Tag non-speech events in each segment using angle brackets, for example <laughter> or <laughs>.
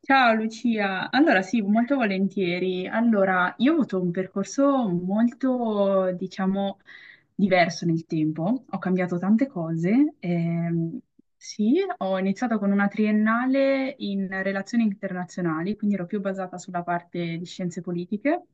Ciao Lucia, allora sì, molto volentieri. Allora, io ho avuto un percorso molto, diciamo, diverso nel tempo, ho cambiato tante cose. Sì, ho iniziato con una triennale in relazioni internazionali, quindi ero più basata sulla parte di scienze politiche.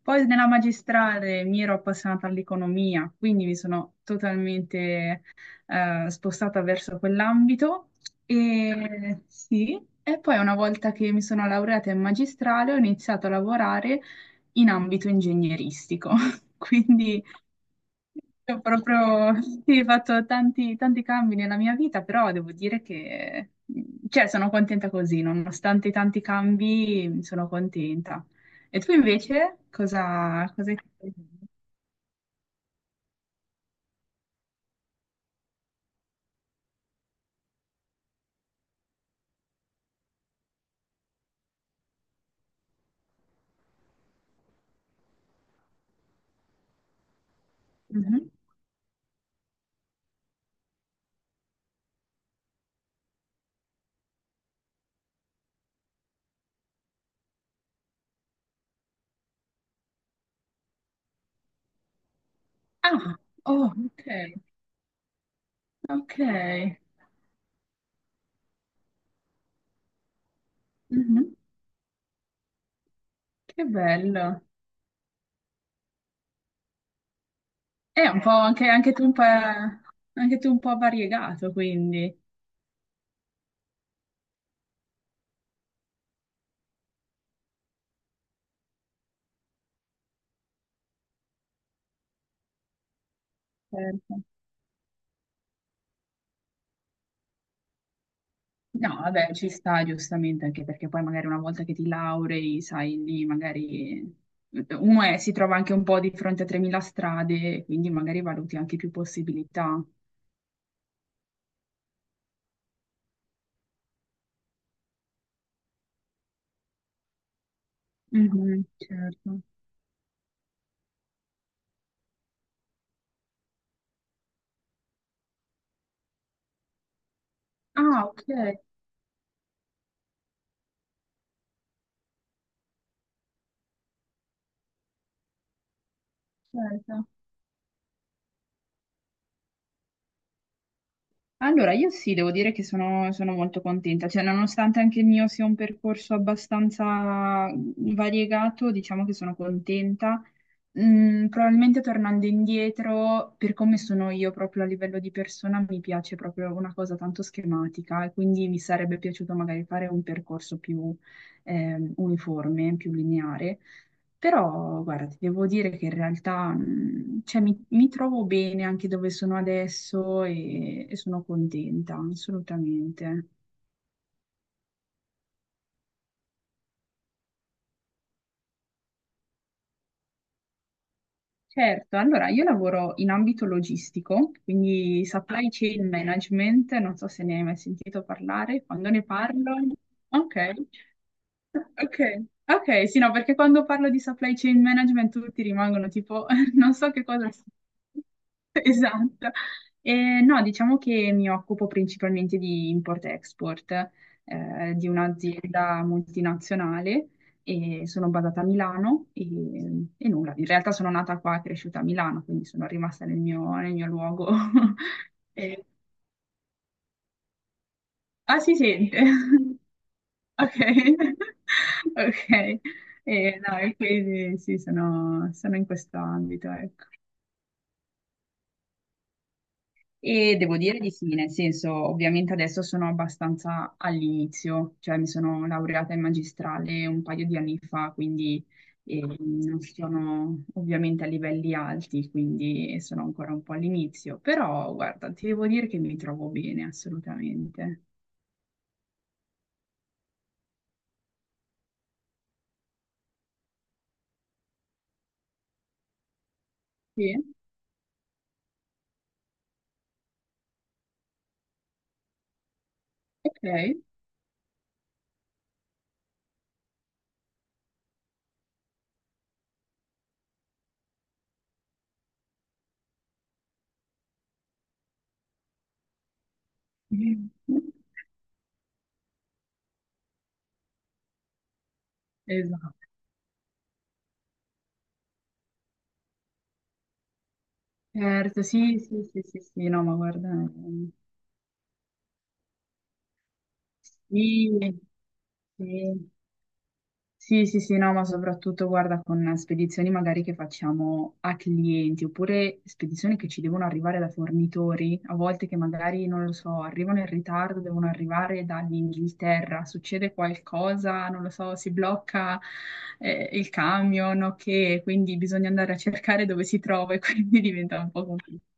Poi nella magistrale mi ero appassionata all'economia, quindi mi sono totalmente spostata verso quell'ambito e sì, e poi una volta che mi sono laureata in magistrale ho iniziato a lavorare in ambito ingegneristico, <laughs> quindi ho proprio sì, fatto tanti, tanti cambi nella mia vita, però devo dire che cioè, sono contenta così, nonostante i tanti cambi, sono contenta. E tu invece cosa, cosa hai fatto? Mhm. Ah, oh, ok, ok. Mhm. Che bello. È un po' anche, anche tu un po', anche tu un po' variegato, quindi. Certo. No, vabbè, ci sta giustamente, anche perché poi magari una volta che ti laurei, sai, lì magari uno è- si trova anche un po' di fronte a 3.000 strade, quindi magari valuti anche più possibilità. Mhm, certo. Ah, ok, certo. Allora, io sì, devo dire che sono, sono molto contenta, cioè nonostante anche il mio sia un percorso abbastanza variegato, diciamo che sono contenta. Mm, probabilmente tornando indietro, per come sono io proprio a livello di persona, mi piace proprio una cosa tanto schematica e quindi mi sarebbe piaciuto magari fare un percorso più uniforme, più lineare. Però, guarda, ti devo dire che in realtà, cioè, mi trovo bene anche dove sono adesso e sono contenta, assolutamente. Certo, allora io lavoro in ambito logistico, quindi supply chain management, non so se ne hai mai sentito parlare, quando ne parlo. Ok. Ok, ok, sì, no, perché quando parlo di supply chain management tutti rimangono tipo, <laughs> non so che cosa sia. <laughs> Esatto. No, diciamo che mi occupo principalmente di import-export, di un'azienda multinazionale e sono basata a Milano e nulla, in realtà sono nata qua e cresciuta a Milano, quindi sono rimasta nel mio luogo. <laughs> Eh, ah sì, sì. <laughs> Ok, <laughs> ok. E, no, e quindi sì, sono, sono in questo ambito, ecco. E devo dire di sì, nel senso, ovviamente adesso sono abbastanza all'inizio, cioè mi sono laureata in magistrale un paio di anni fa, quindi non sono ovviamente a livelli alti, quindi sono ancora un po' all'inizio, però guarda, ti devo dire che mi trovo bene, assolutamente. Sì, ok. <laughs> Esatto. Certo, sì, sì, sì, sì, sì, no, ma guarda, sì, sì, sì, sì, sì, no, ma soprattutto guarda con spedizioni magari che facciamo a clienti oppure spedizioni che ci devono arrivare da fornitori, a volte che magari, non lo so, arrivano in ritardo, devono arrivare dall'Inghilterra, succede qualcosa, non lo so, si blocca il camion, ok, quindi bisogna andare a cercare dove si trova e <laughs> quindi diventa un po' complicato.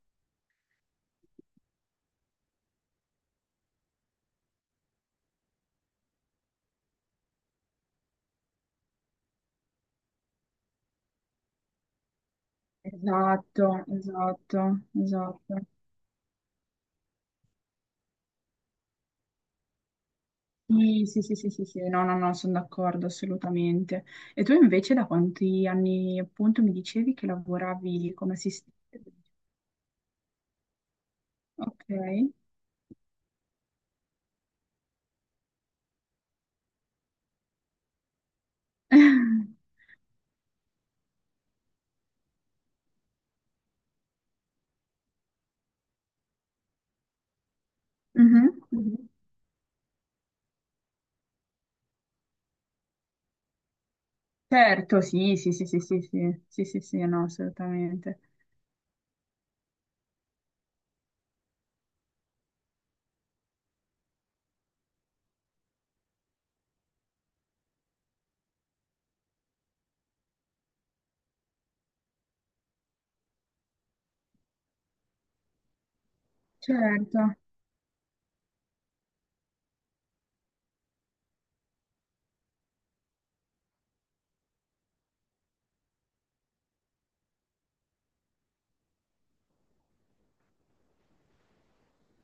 Esatto, esatto, esatto. Sì, sì, sì, sì, sì, sì, no, no, no, sono d'accordo assolutamente. E tu invece da quanti anni appunto mi dicevi che lavoravi come assistente? Ok. <laughs> Mhm, mhm. Certo, sì, sì, sì, sì, sì, sì, sì, sì, sì, no, assolutamente. Certo.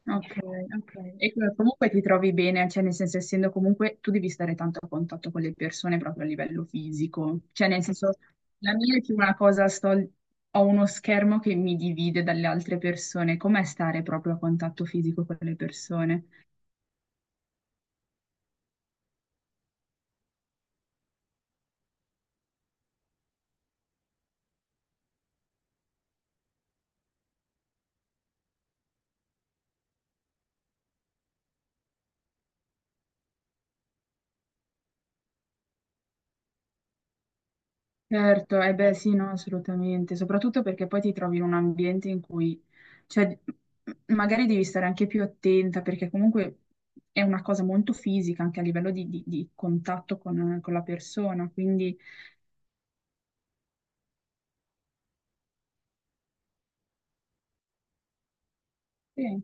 Ok, ok. E co- comunque ti trovi bene, cioè nel senso essendo comunque tu devi stare tanto a contatto con le persone proprio a livello fisico, cioè nel senso la mia è più una cosa, sto, ho uno schermo che mi divide dalle altre persone, com'è stare proprio a contatto fisico con le persone? Certo, eh beh sì, no, assolutamente, soprattutto perché poi ti trovi in un ambiente in cui, cioè, m- magari devi stare anche più attenta perché comunque è una cosa molto fisica anche a livello di contatto con la persona, quindi... Sì,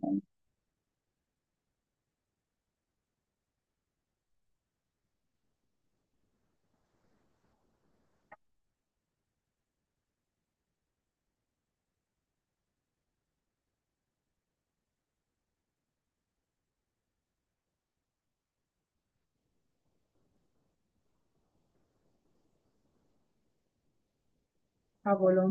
ok, Cavolo,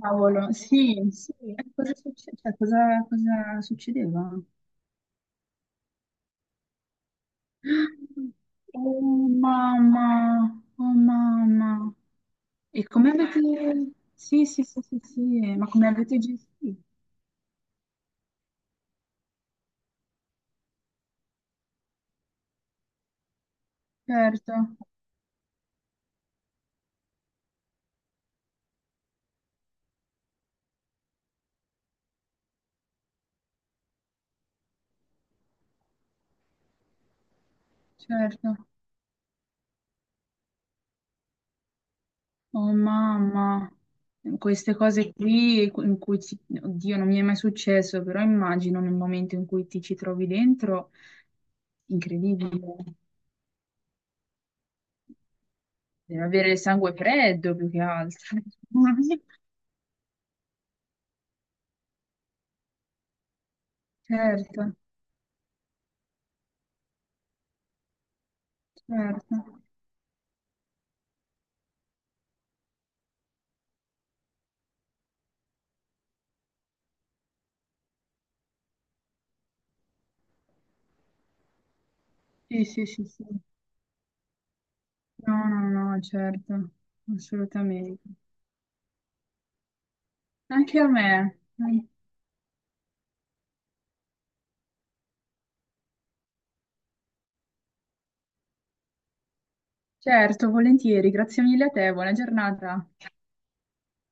cavolo, sì, sì, cosa succe- cioè, cosa cosa succedeva? <gasps> Oh mamma, oh mamma. E come avete... Sì, sì, sì, sì, sì, ma come avete gestito? Certo, certo. Oh mamma, queste cose qui in cui ci... Oddio, non mi è mai successo, però immagino nel momento in cui ti ci trovi dentro, incredibile. Deve avere il sangue freddo più che altro. <laughs> Certo, certo. Sì, sì, sì, sì. No, no, no, certo, assolutamente. Anche a me. Certo, volentieri, grazie mille a te, buona giornata.